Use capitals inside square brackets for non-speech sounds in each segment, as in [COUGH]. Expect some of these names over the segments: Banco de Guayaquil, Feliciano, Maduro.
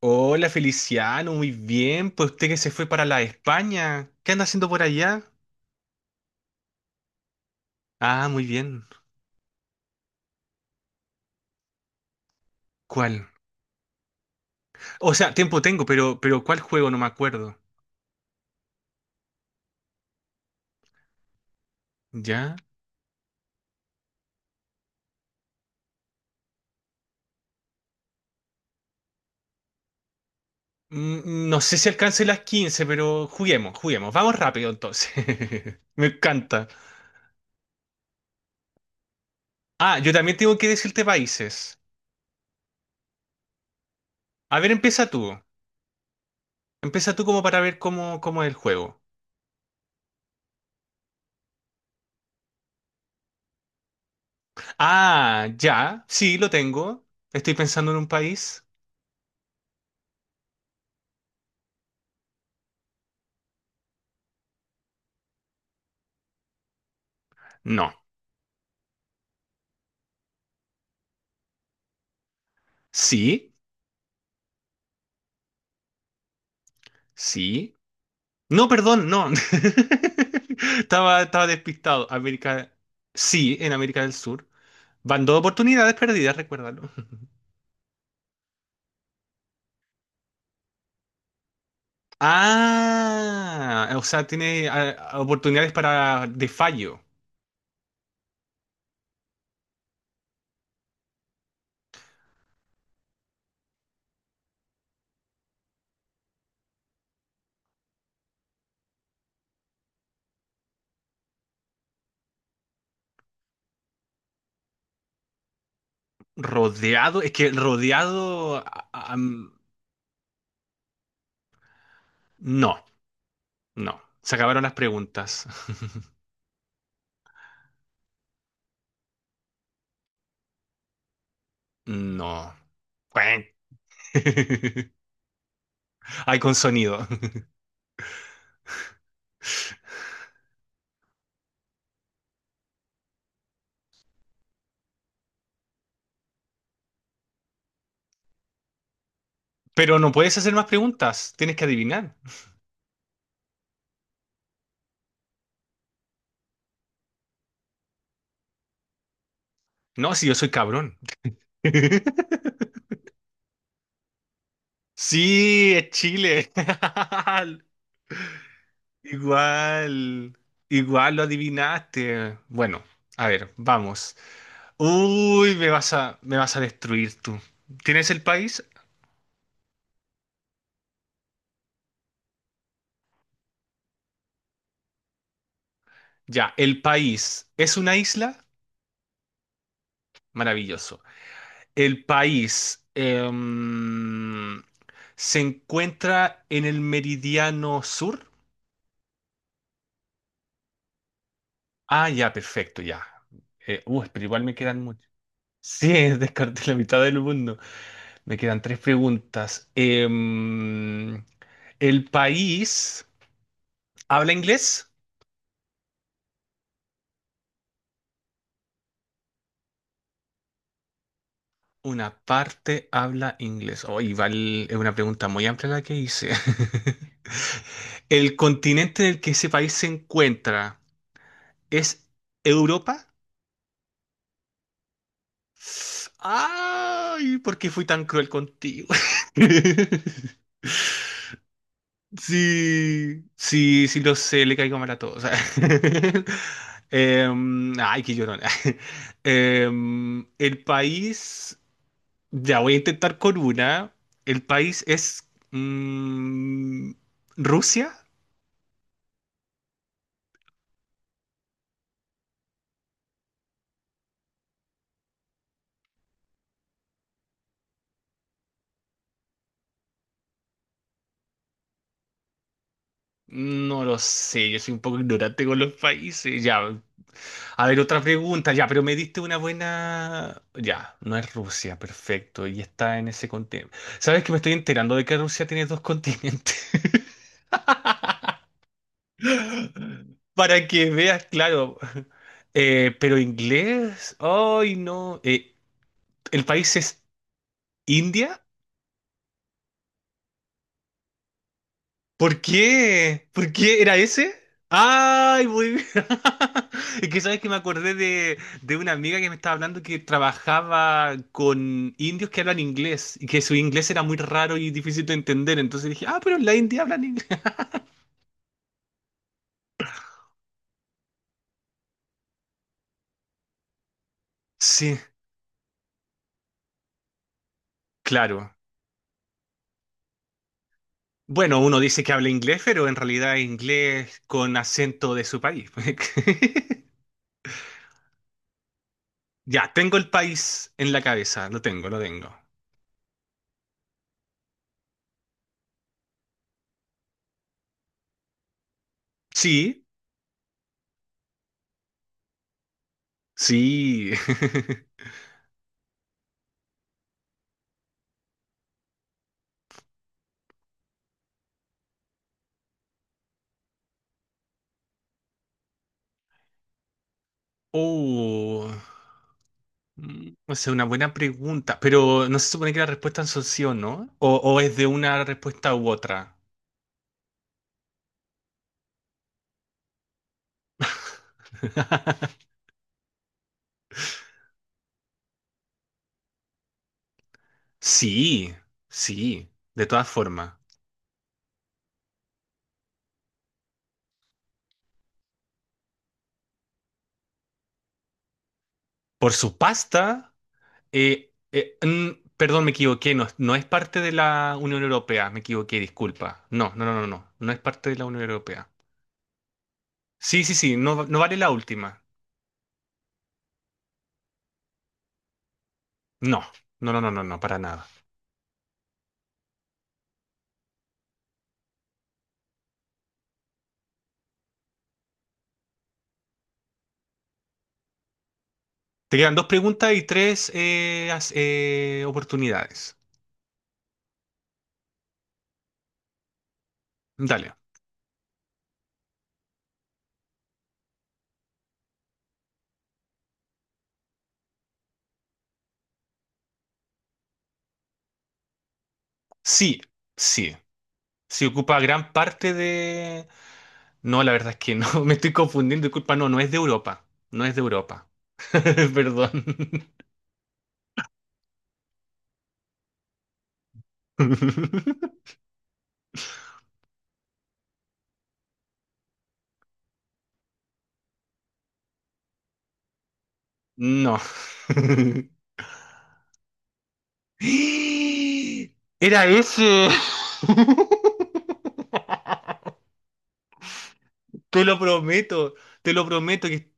Hola Feliciano, muy bien. Pues usted que se fue para la España, ¿qué anda haciendo por allá? Ah, muy bien. ¿Cuál? O sea, tiempo tengo, pero ¿cuál juego? No me acuerdo. ¿Ya? No sé si alcance las 15, pero juguemos, juguemos. Vamos rápido entonces. [LAUGHS] Me encanta. Ah, yo también tengo que decirte países. A ver, empieza tú. Empieza tú como para ver cómo es el juego. Ah, ya. Sí, lo tengo. Estoy pensando en un país. No. Sí. Sí. No, perdón, no. [LAUGHS] Estaba despistado. América, sí, en América del Sur. Van dos oportunidades perdidas, recuérdalo. Ah, o sea, tiene oportunidades para de fallo. Rodeado, es que rodeado, no, no. Se acabaron las preguntas. [LAUGHS] No. Cuén. [LAUGHS] Hay con sonido. Pero no puedes hacer más preguntas. Tienes que adivinar. No, si yo soy cabrón. [LAUGHS] Sí, es Chile. [LAUGHS] Igual, igual lo adivinaste. Bueno, a ver, vamos. Uy, me vas a destruir tú. ¿Tienes el país? Ya, el país es una isla. Maravilloso. El país se encuentra en el meridiano sur. Ah, ya, perfecto, ya. Pero igual me quedan muchos. Sí, [LAUGHS] descarté la mitad del mundo. Me quedan tres preguntas. ¿El país habla inglés? Una parte habla inglés. Oh, y val- es una pregunta muy amplia la que hice. [LAUGHS] ¿El continente en el que ese país se encuentra es Europa? Ay, ¿por qué fui tan cruel contigo? [LAUGHS] Sí, sí, sí lo sé, le caigo mal a todos. [LAUGHS] Em, ay, qué llorona. [LAUGHS] El país, ya voy a intentar con una. El país es mm, Rusia. No lo sé, yo soy un poco ignorante con los países. Ya. A ver, otra pregunta. Ya, pero me diste una buena. Ya, no es Rusia, perfecto. Y está en ese continente. ¿Sabes que me estoy enterando de que Rusia tiene dos continentes? [LAUGHS] Para que veas, claro. Pero inglés. Ay, no. ¿El país es India? ¿Por qué? ¿Por qué era ese? Ay, muy bien. [LAUGHS] Es que sabes que me acordé de una amiga que me estaba hablando que trabajaba con indios que hablan inglés y que su inglés era muy raro y difícil de entender. Entonces dije, ah, pero en la India hablan inglés. [LAUGHS] Sí, claro. Bueno, uno dice que habla inglés, pero en realidad es inglés con acento de su país. [LAUGHS] Ya, tengo el país en la cabeza. Lo tengo, lo tengo. Sí, sí. [LAUGHS] Oh. O sea, una buena pregunta, pero no se supone que las respuestas son sí o no, o es de una respuesta u otra. [LAUGHS] Sí, sí, de todas formas. Por su pasta, eh, eh, mm, perdón, me equivoqué, no, no es parte de la Unión Europea, me equivoqué, disculpa. No, no, no, no, no, no es parte de la Unión Europea. Sí, sí, sí, no, no vale la última. No, no, no, no, no, no, para nada. Te quedan dos preguntas y tres as- oportunidades. Dale. Sí, sí. Si ocupa gran parte de... No, la verdad es que no, [LAUGHS] me estoy confundiendo, disculpa, no, no es de Europa, no es de Europa, [LAUGHS] perdón. [LAUGHS] No. [LAUGHS] Era ese, te lo prometo, te lo prometo que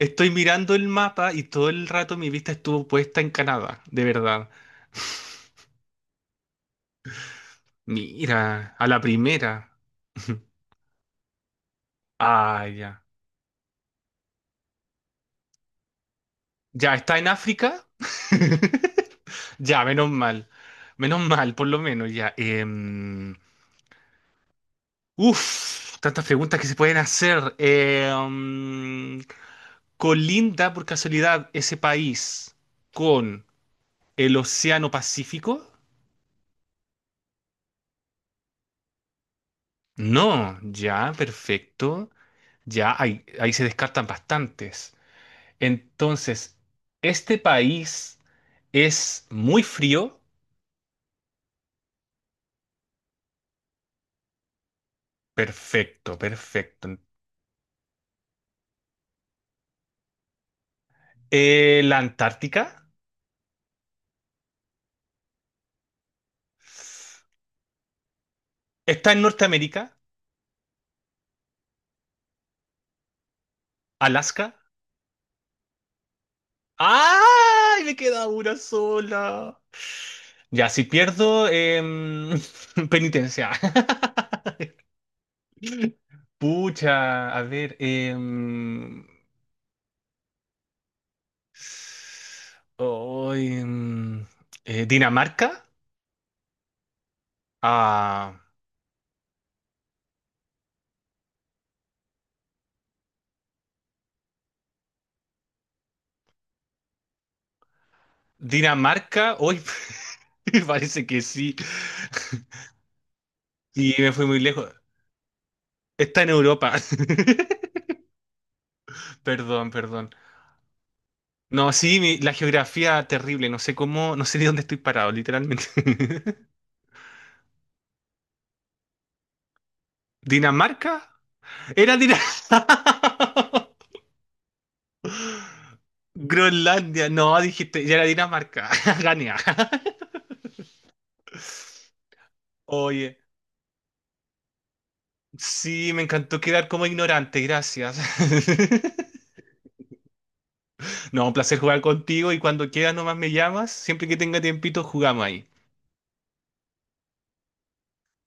estoy mirando el mapa y todo el rato mi vista estuvo puesta en Canadá, de verdad. Mira, a la primera. [LAUGHS] Ah, ya. Ya está en África. [LAUGHS] Ya, menos mal. Menos mal, por lo menos, ya. Uf, tantas preguntas que se pueden hacer. ¿Colinda por casualidad ese país con el Océano Pacífico? No, ya, perfecto. Ya, ahí, ahí se descartan bastantes. Entonces, ¿este país es muy frío? Perfecto, perfecto. La Antártica. Está en Norteamérica. Alaska. ¡Ay! Me queda una sola. Ya, si pierdo, [LAUGHS] penitencia. [LAUGHS] Pucha, a ver. Oh, em, ¿Dinamarca? Ah, Dinamarca. Hoy [LAUGHS] parece que sí. [LAUGHS] Y me fui muy lejos. Está en Europa. [LAUGHS] Perdón, perdón. No, sí, mi- la geografía terrible, no sé cómo, no sé de dónde estoy parado, literalmente. [LAUGHS] ¿Dinamarca? Era Dinamarca. [LAUGHS] Groenlandia, no, dijiste, ya era Dinamarca. [LAUGHS] Gané. [LAUGHS] Oye, sí, me encantó quedar como ignorante, gracias. [LAUGHS] No, un placer jugar contigo y cuando quieras nomás me llamas, siempre que tenga tiempito jugamos ahí.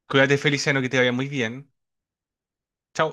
Cuídate, Feliciano, que te vaya muy bien. Chao.